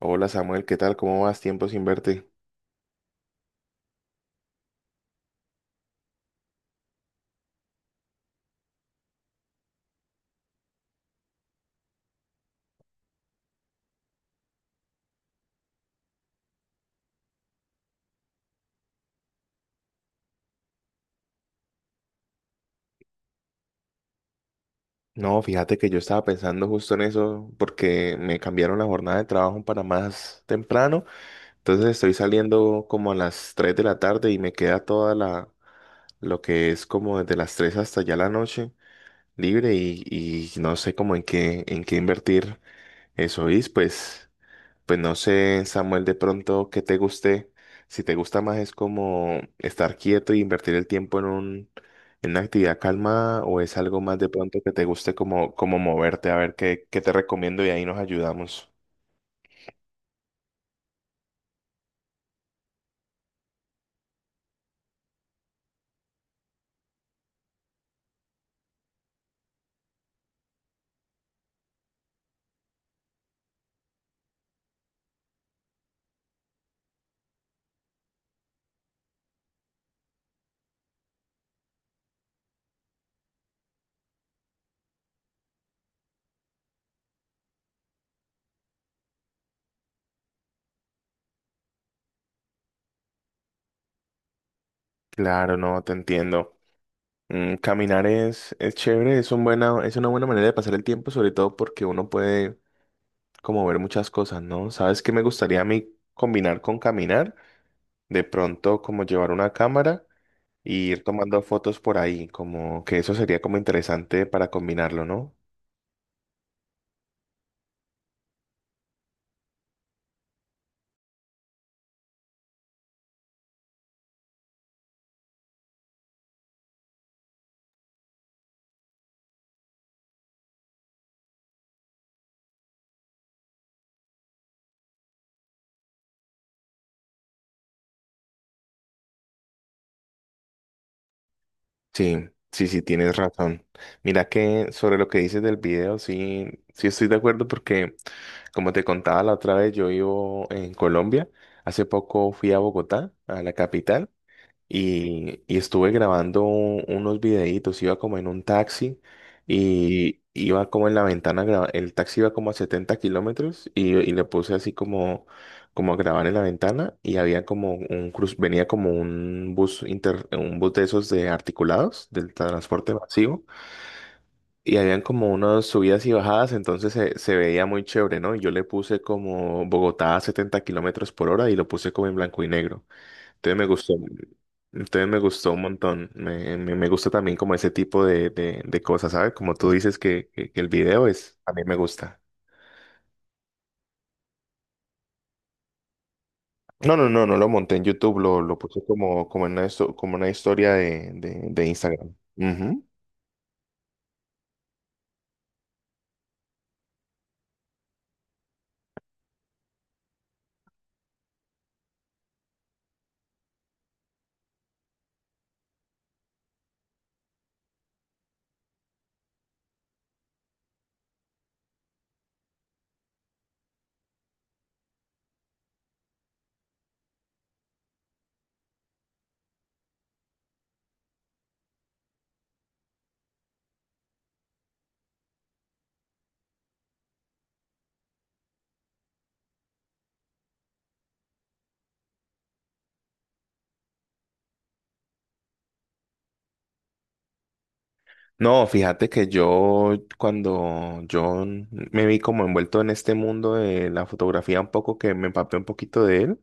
Hola Samuel, ¿qué tal? ¿Cómo vas? Tiempo sin verte. No, fíjate que yo estaba pensando justo en eso porque me cambiaron la jornada de trabajo para más temprano. Entonces estoy saliendo como a las 3 de la tarde y me queda toda la, lo que es como desde las 3 hasta ya la noche libre y no sé cómo en qué invertir eso. Pues no sé, Samuel, de pronto que te guste. Si te gusta más es como estar quieto y invertir el tiempo en un, en una actividad calma, o es algo más de pronto que te guste como, como moverte, a ver qué, qué te recomiendo y ahí nos ayudamos. Claro, no, te entiendo. Mm, caminar es chévere, es una buena manera de pasar el tiempo, sobre todo porque uno puede como ver muchas cosas, ¿no? ¿Sabes qué me gustaría a mí combinar con caminar? De pronto, como llevar una cámara y ir tomando fotos por ahí, como que eso sería como interesante para combinarlo, ¿no? Sí, sí, sí, tienes razón. Mira que sobre lo que dices del video, sí, sí estoy de acuerdo porque, como te contaba la otra vez, yo vivo en Colombia. Hace poco fui a Bogotá, a la capital. Y estuve grabando unos videitos, iba como en un taxi y iba como en la ventana, el taxi iba como a 70 kilómetros y le puse así como, como a grabar en la ventana, y había como un cruz, venía como un bus de esos de articulados del transporte masivo, y habían como unas subidas y bajadas. Entonces se veía muy chévere, ¿no? Y yo le puse como Bogotá a 70 kilómetros por hora y lo puse como en blanco y negro. Entonces me gustó, entonces me gustó un montón. Me gusta también como ese tipo de, de cosas, ¿sabes? Como tú dices que, que el video es, a mí me gusta. No, no, no, no lo monté en YouTube, lo puse como, como en una, como una historia de, de Instagram. Ujú. No, fíjate que yo, cuando yo me vi como envuelto en este mundo de la fotografía un poco, que me empapé un poquito de él,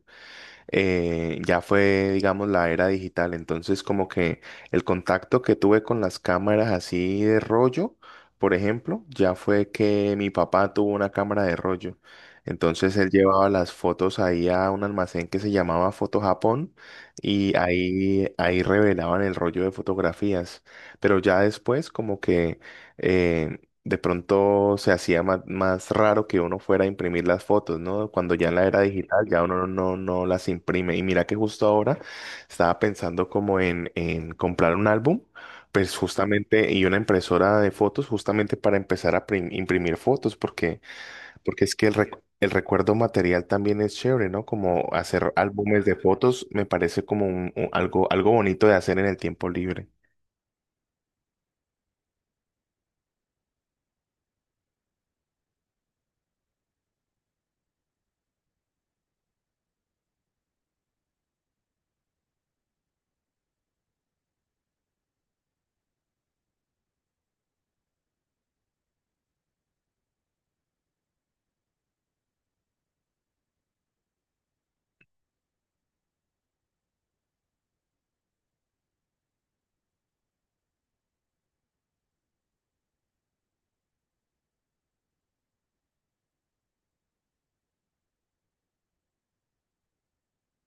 ya fue, digamos, la era digital. Entonces, como que el contacto que tuve con las cámaras así de rollo, por ejemplo, ya fue que mi papá tuvo una cámara de rollo. Entonces él llevaba las fotos ahí a un almacén que se llamaba Foto Japón, y ahí, ahí revelaban el rollo de fotografías. Pero ya después como que eh, de pronto se hacía más raro que uno fuera a imprimir las fotos, ¿no? Cuando ya en la era digital ya uno no, no, no las imprime. Y mira que justo ahora estaba pensando como en comprar un álbum, pues justamente, y una impresora de fotos justamente para empezar a imprimir fotos, porque, porque es que el, el recuerdo material también es chévere, ¿no? Como hacer álbumes de fotos me parece como algo, algo bonito de hacer en el tiempo libre.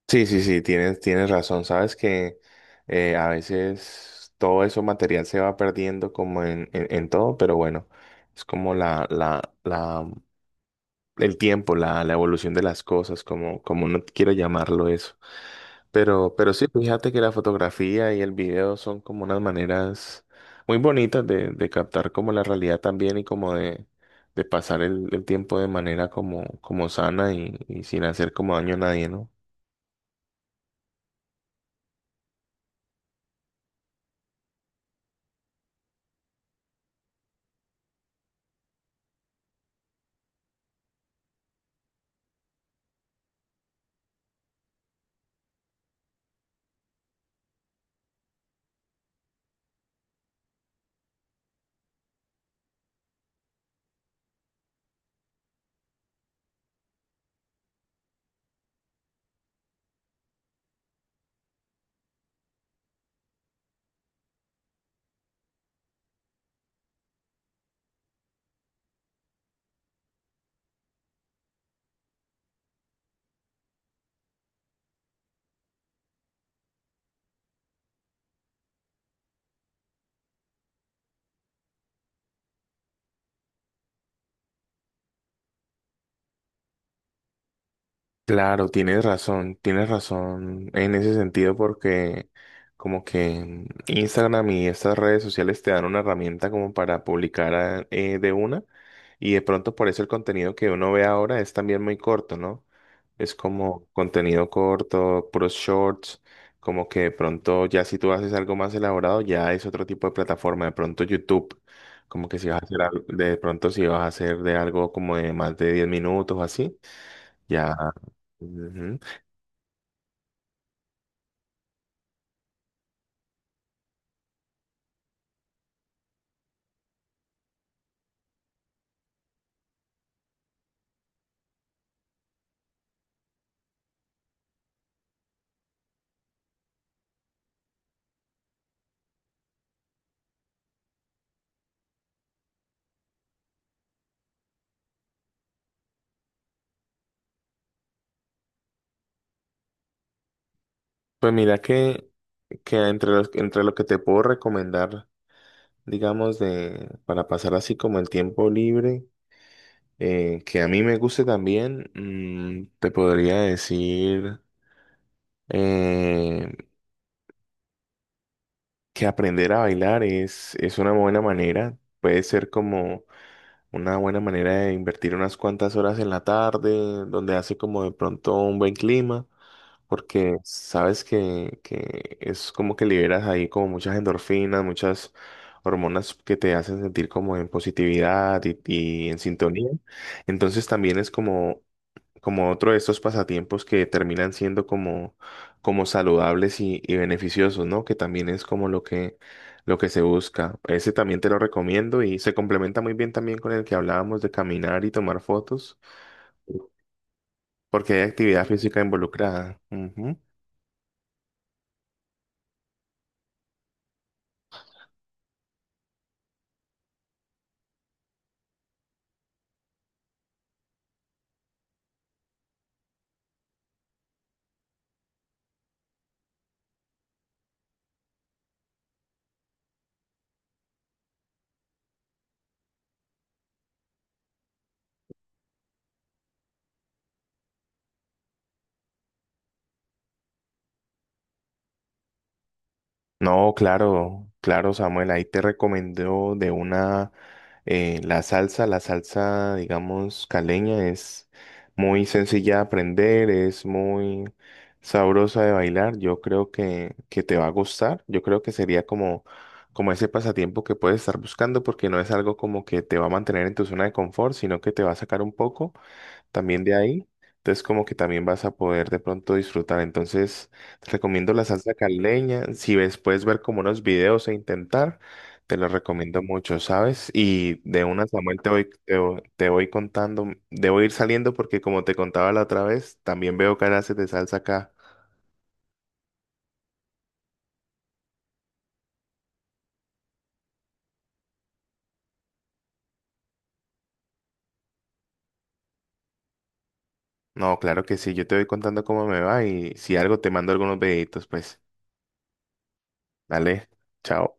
Sí, sí, sí, tienes, tienes razón. Sabes que a veces todo eso material se va perdiendo como en, en todo, pero bueno, es como la, la, el tiempo, la evolución de las cosas, como, como no quiera llamarlo eso. Pero sí, fíjate que la fotografía y el video son como unas maneras muy bonitas de captar como la realidad también, y como de pasar el tiempo de manera como, como sana y sin hacer como daño a nadie, ¿no? Claro, tienes razón en ese sentido, porque como que Instagram y estas redes sociales te dan una herramienta como para publicar de una, y de pronto por eso el contenido que uno ve ahora es también muy corto, ¿no? Es como contenido corto, puros shorts, como que de pronto ya si tú haces algo más elaborado ya es otro tipo de plataforma, de pronto YouTube, como que si vas a hacer algo, de pronto si vas a hacer de algo como de más de 10 minutos o así, ya. Ujú. Pues mira que entre los, entre lo que te puedo recomendar, digamos, de, para pasar así como el tiempo libre, que a mí me guste también, mm, te podría decir eh, que aprender a bailar es una buena manera. Puede ser como una buena manera de invertir unas cuantas horas en la tarde, donde hace como de pronto un buen clima. Porque sabes que es como que liberas ahí como muchas endorfinas, muchas hormonas que te hacen sentir como en positividad y en sintonía. Entonces también es como, como otro de estos pasatiempos que terminan siendo como, como saludables y beneficiosos, ¿no? Que también es como lo que se busca. Ese también te lo recomiendo, y se complementa muy bien también con el que hablábamos de caminar y tomar fotos, porque hay actividad física involucrada. Ujú. No, claro, claro, Samuel, ahí te recomendó de una la salsa, digamos, caleña es muy sencilla de aprender, es muy sabrosa de bailar. Yo creo que te va a gustar. Yo creo que sería como, como ese pasatiempo que puedes estar buscando, porque no es algo como que te va a mantener en tu zona de confort, sino que te va a sacar un poco también de ahí. Entonces como que también vas a poder de pronto disfrutar. Entonces te recomiendo la salsa caleña. Si ves, puedes ver como unos videos e intentar, te lo recomiendo mucho, ¿sabes? Y de una, Samuel, te voy, te voy contando, debo ir saliendo porque como te contaba la otra vez, también veo que haces de salsa acá. No, claro que sí, yo te voy contando cómo me va, y si algo te mando algunos videitos, pues dale, chao.